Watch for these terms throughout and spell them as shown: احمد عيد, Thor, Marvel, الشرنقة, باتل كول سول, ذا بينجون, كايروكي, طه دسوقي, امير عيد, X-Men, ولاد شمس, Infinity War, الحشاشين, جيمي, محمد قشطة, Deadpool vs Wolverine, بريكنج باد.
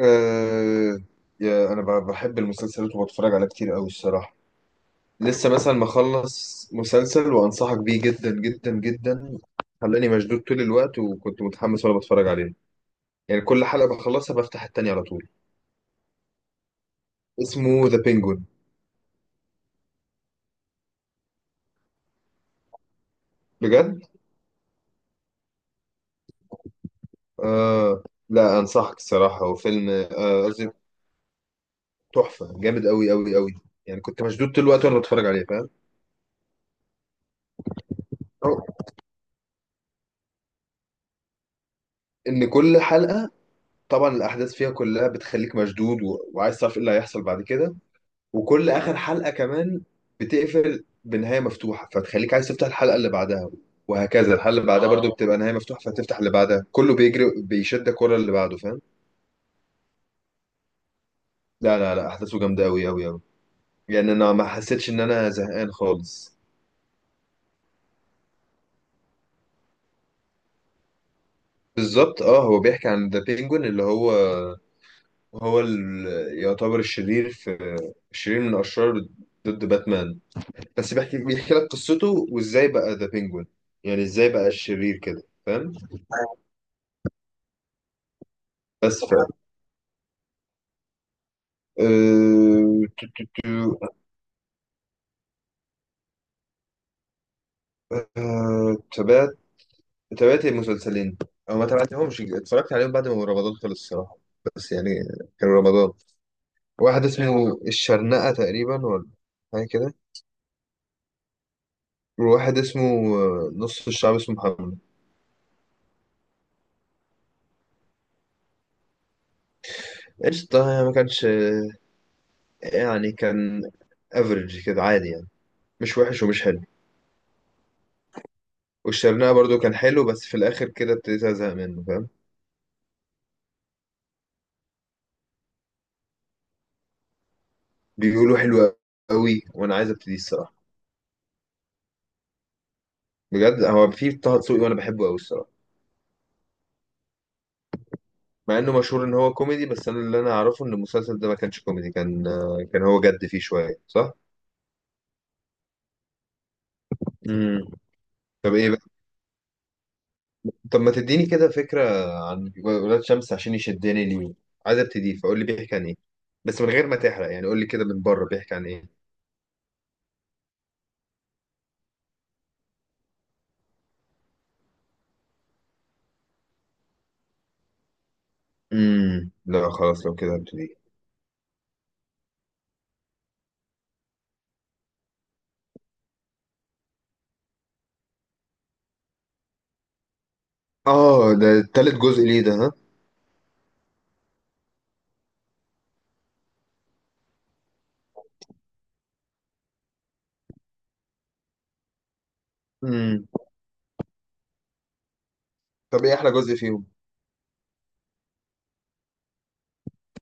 أه. يا انا بحب المسلسلات وبتفرج عليها كتير قوي الصراحه. لسه مثلا مخلص مسلسل وانصحك بيه جدا جدا جدا. خلاني مشدود طول الوقت وكنت متحمس وانا بتفرج عليه، يعني كل حلقه بخلصها بفتح التانية على طول. اسمه ذا بينجون. بجد. أه. لا انصحك الصراحه، هو فيلم قصدي تحفه، جامد قوي قوي قوي. يعني كنت مشدود طول الوقت وانا بتفرج عليه، فاهم؟ أو- ان كل حلقه طبعا الاحداث فيها كلها بتخليك مشدود وعايز تعرف ايه اللي هيحصل بعد كده. وكل اخر حلقه كمان بتقفل بنهايه مفتوحه فتخليك عايز تفتح الحلقه اللي بعدها، وهكذا الحلقه اللي بعدها برضو اه بتبقى نهايه مفتوحه فتفتح اللي بعدها، كله بيجري بيشدك ورا اللي بعده، فاهم؟ لا لا لا، احداثه جامده قوي قوي قوي. يعني انا ما حسيتش ان انا زهقان خالص. بالظبط، اه هو بيحكي عن ذا بينجوين اللي هو، هو ال- يعتبر الشرير في، الشرير من اشرار ضد باتمان. بس بيحكي لك قصته، وازاي بقى ذا بينجوين، يعني ازاي بقى الشرير كده، فاهم؟ بس أه... تو- تو- تو- تابعت. تابعت المسلسلين او ما تابعتهمش، اتفرجت عليهم بعد ما رمضان خلص الصراحه. بس يعني كان رمضان واحد اسمه الشرنقة تقريبا ولا حاجه كده، وواحد اسمه نص الشعب اسمه محمد. قشطة، يعني ما كانش يعني كان افريج كده عادي يعني، مش وحش ومش حلو. والشرنقة برضو كان حلو بس في الاخر كده ابتديت ازهق منه، فاهم؟ بيقولوا حلو قوي وانا عايز ابتدي الصراحه. بجد، هو في طه دسوقي وانا بحبه قوي الصراحه. مع انه مشهور ان هو كوميدي، بس انا اللي انا اعرفه ان المسلسل ده ما كانش كوميدي، كان كان هو جد فيه شويه، صح. امم. طب ايه بقى؟ طب ما تديني كده فكره عن ولاد شمس، عشان يشدني ليه. عايز ابتدي، فقول لي بيحكي عن ايه. بس من غير ما تحرق يعني، قول لي كده من بره بيحكي عن ايه. امم، لا خلاص لو كده هبتدي. اه ده تالت جزء ليه ده، ها. امم. طب ايه احلى جزء فيهم؟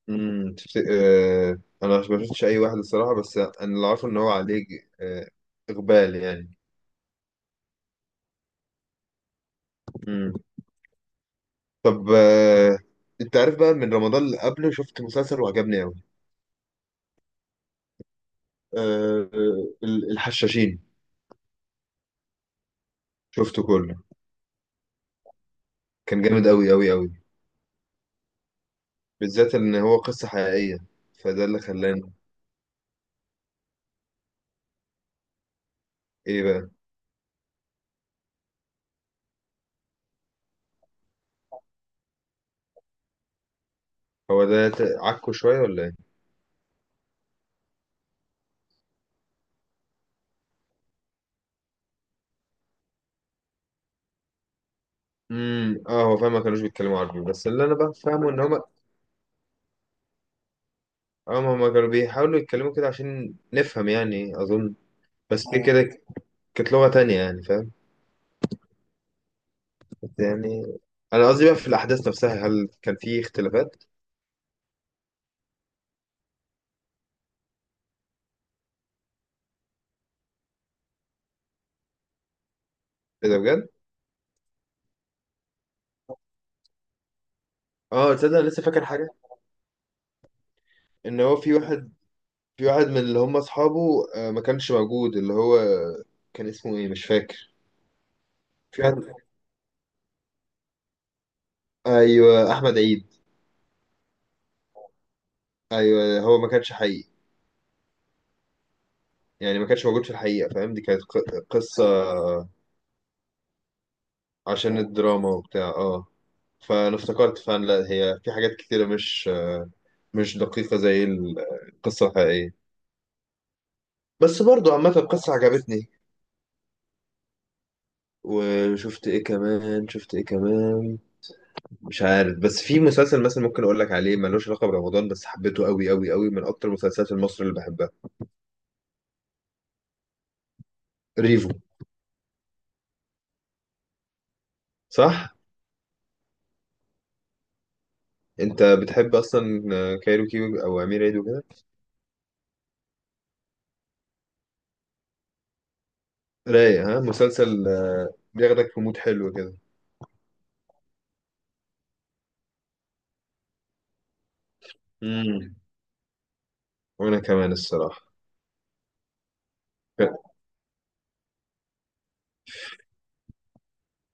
انا ما شفتش اي واحد الصراحه، بس انا اللي عارفه ان هو عليه آه... اقبال يعني. امم. طب انت عارف بقى من رمضان اللي قبله شفت مسلسل وعجبني قوي. آه، الحشاشين. شفته كله. كان جامد قوي قوي قوي، بالذات ان هو قصة حقيقية. فده اللي خلاني، ايه بقى. هو ده عكه شوية ولا ايه؟ امم، اه هو فاهم ما كانوش بيتكلموا عربي، بس اللي انا بقى فاهمه ان هما، اه هما كانوا بيحاولوا يتكلموا كده عشان نفهم يعني، اظن. بس دي كده كانت لغة تانية يعني، فاهم؟ بس يعني انا قصدي بقى في الاحداث نفسها هل كان في اختلافات. ايه ده بجد؟ اه تصدق أنا لسه فاكر حاجة، ان هو في واحد، في واحد من اللي هم اصحابه ما كانش موجود اللي هو، كان اسمه ايه مش فاكر. في واحد، ايوه احمد عيد. ايوه هو ما كانش حقيقي، يعني ما كانش موجود في الحقيقة، فاهم؟ دي كانت قصة عشان الدراما وبتاع، اه. فانا افتكرت فعلا، لا هي في حاجات كتيرة مش مش دقيقة زي القصة الحقيقية، بس برضو عامة القصة عجبتني. وشفت ايه كمان؟ شفت ايه كمان؟ مش عارف، بس في مسلسل مثلا ممكن اقول لك عليه ملوش علاقه برمضان بس حبيته قوي قوي قوي، من اكتر المسلسلات المصري اللي بحبها. ريفو. صح. انت بتحب اصلا كايروكي او امير عيد وكده؟ رايق. ها مسلسل بياخدك في مود حلو كده. امم. وانا كمان الصراحه.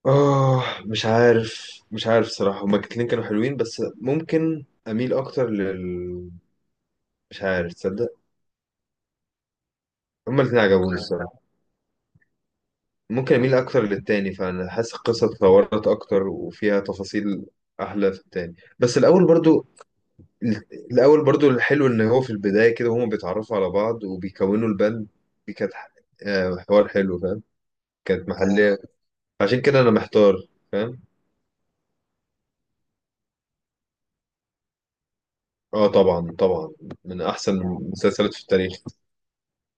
اه مش عارف، مش عارف الصراحه، هما الاتنين كانوا حلوين، بس ممكن اميل اكتر لل، مش عارف تصدق، هما الاتنين عجبوني الصراحه. ممكن اميل اكتر للتاني، فانا حاسس القصه اتطورت اكتر وفيها تفاصيل احلى في التاني، بس الاول برضو، الاول برضو الحلو ان هو في البدايه كده هما بيتعرفوا على بعض وبيكونوا البند. دي كانت حوار حلو فاهم، كانت محليه. عشان كده انا محتار، فاهم؟ اه طبعا طبعا، من احسن المسلسلات في التاريخ.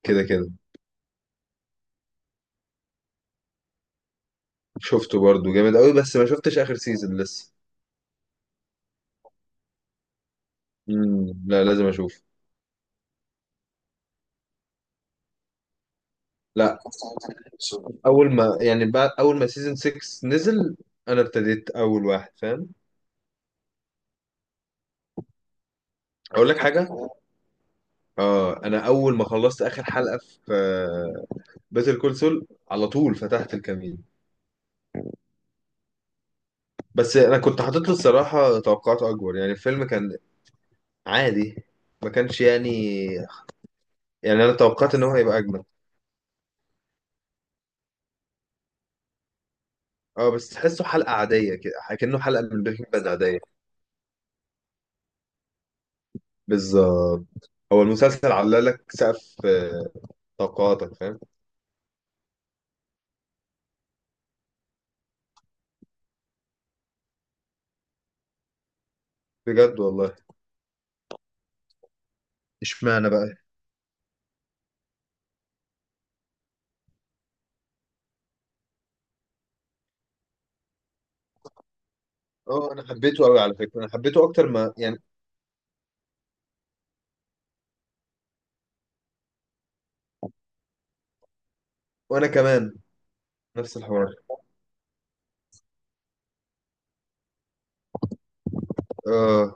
كده كده. شفته برضو جامد قوي، بس ما شفتش اخر سيزون لسه. لا لازم اشوف. لا، اول ما يعني، بعد اول ما سيزون 6 نزل انا ابتديت اول واحد، فاهم. اقول لك حاجه، اه انا اول ما خلصت اخر حلقه في باتل كول سول على طول فتحت الكمين. بس انا كنت حاطط له الصراحه توقعات اكبر، يعني الفيلم كان عادي، ما كانش يعني، يعني انا توقعت ان هو هيبقى اجمل. اه بس تحسه حلقه عاديه كده، كانه حلقه من بريكنج باد عاديه. بالظبط، هو المسلسل علالك سقف توقعاتك، فاهم. بجد والله. اشمعنى بقى؟ اه انا حبيته قوي على فكره، انا حبيته اكتر ما يعني. وانا كمان، نفس الحوار. اه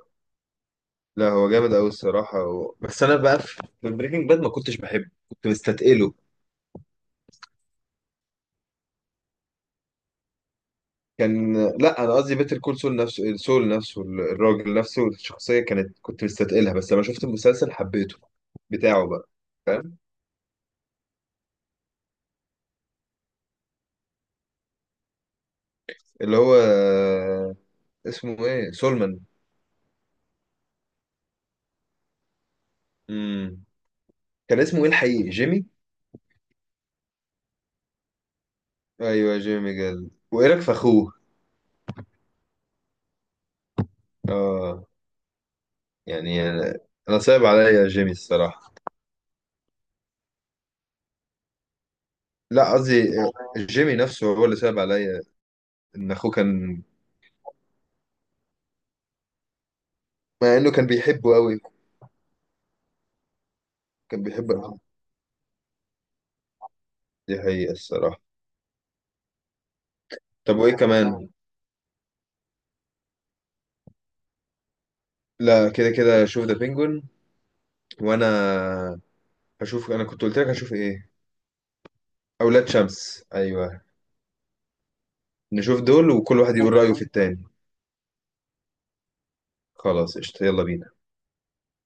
لا هو جامد قوي الصراحه بس انا بقى في بريكنج باد ما كنتش بحبه، كنت مستثقله. كان، لا انا قصدي بيتر كول سول نفسه، سول نفسه، الراجل نفسه الشخصيه كانت، كنت مستثقلها بس لما شفت المسلسل حبيته بتاعه بقى، فاهم. اللي هو اسمه ايه سولمان. امم. كان اسمه ايه الحقيقي، جيمي. ايوه جيمي جال. وايه رايك في اخوه؟ اه يعني انا صعب عليا جيمي الصراحه. لا قصدي جيمي نفسه هو اللي صعب عليا، ان اخوه كان، مع انه كان بيحبه قوي، كان بيحب الحب، دي حقيقه الصراحه. طب وايه كمان؟ لا كده كده شوف ذا بينجون. وانا هشوف، انا كنت قلت لك هشوف ايه، اولاد شمس، ايوه. نشوف دول وكل واحد يقول رايه في التاني. خلاص قشطه، يلا بينا.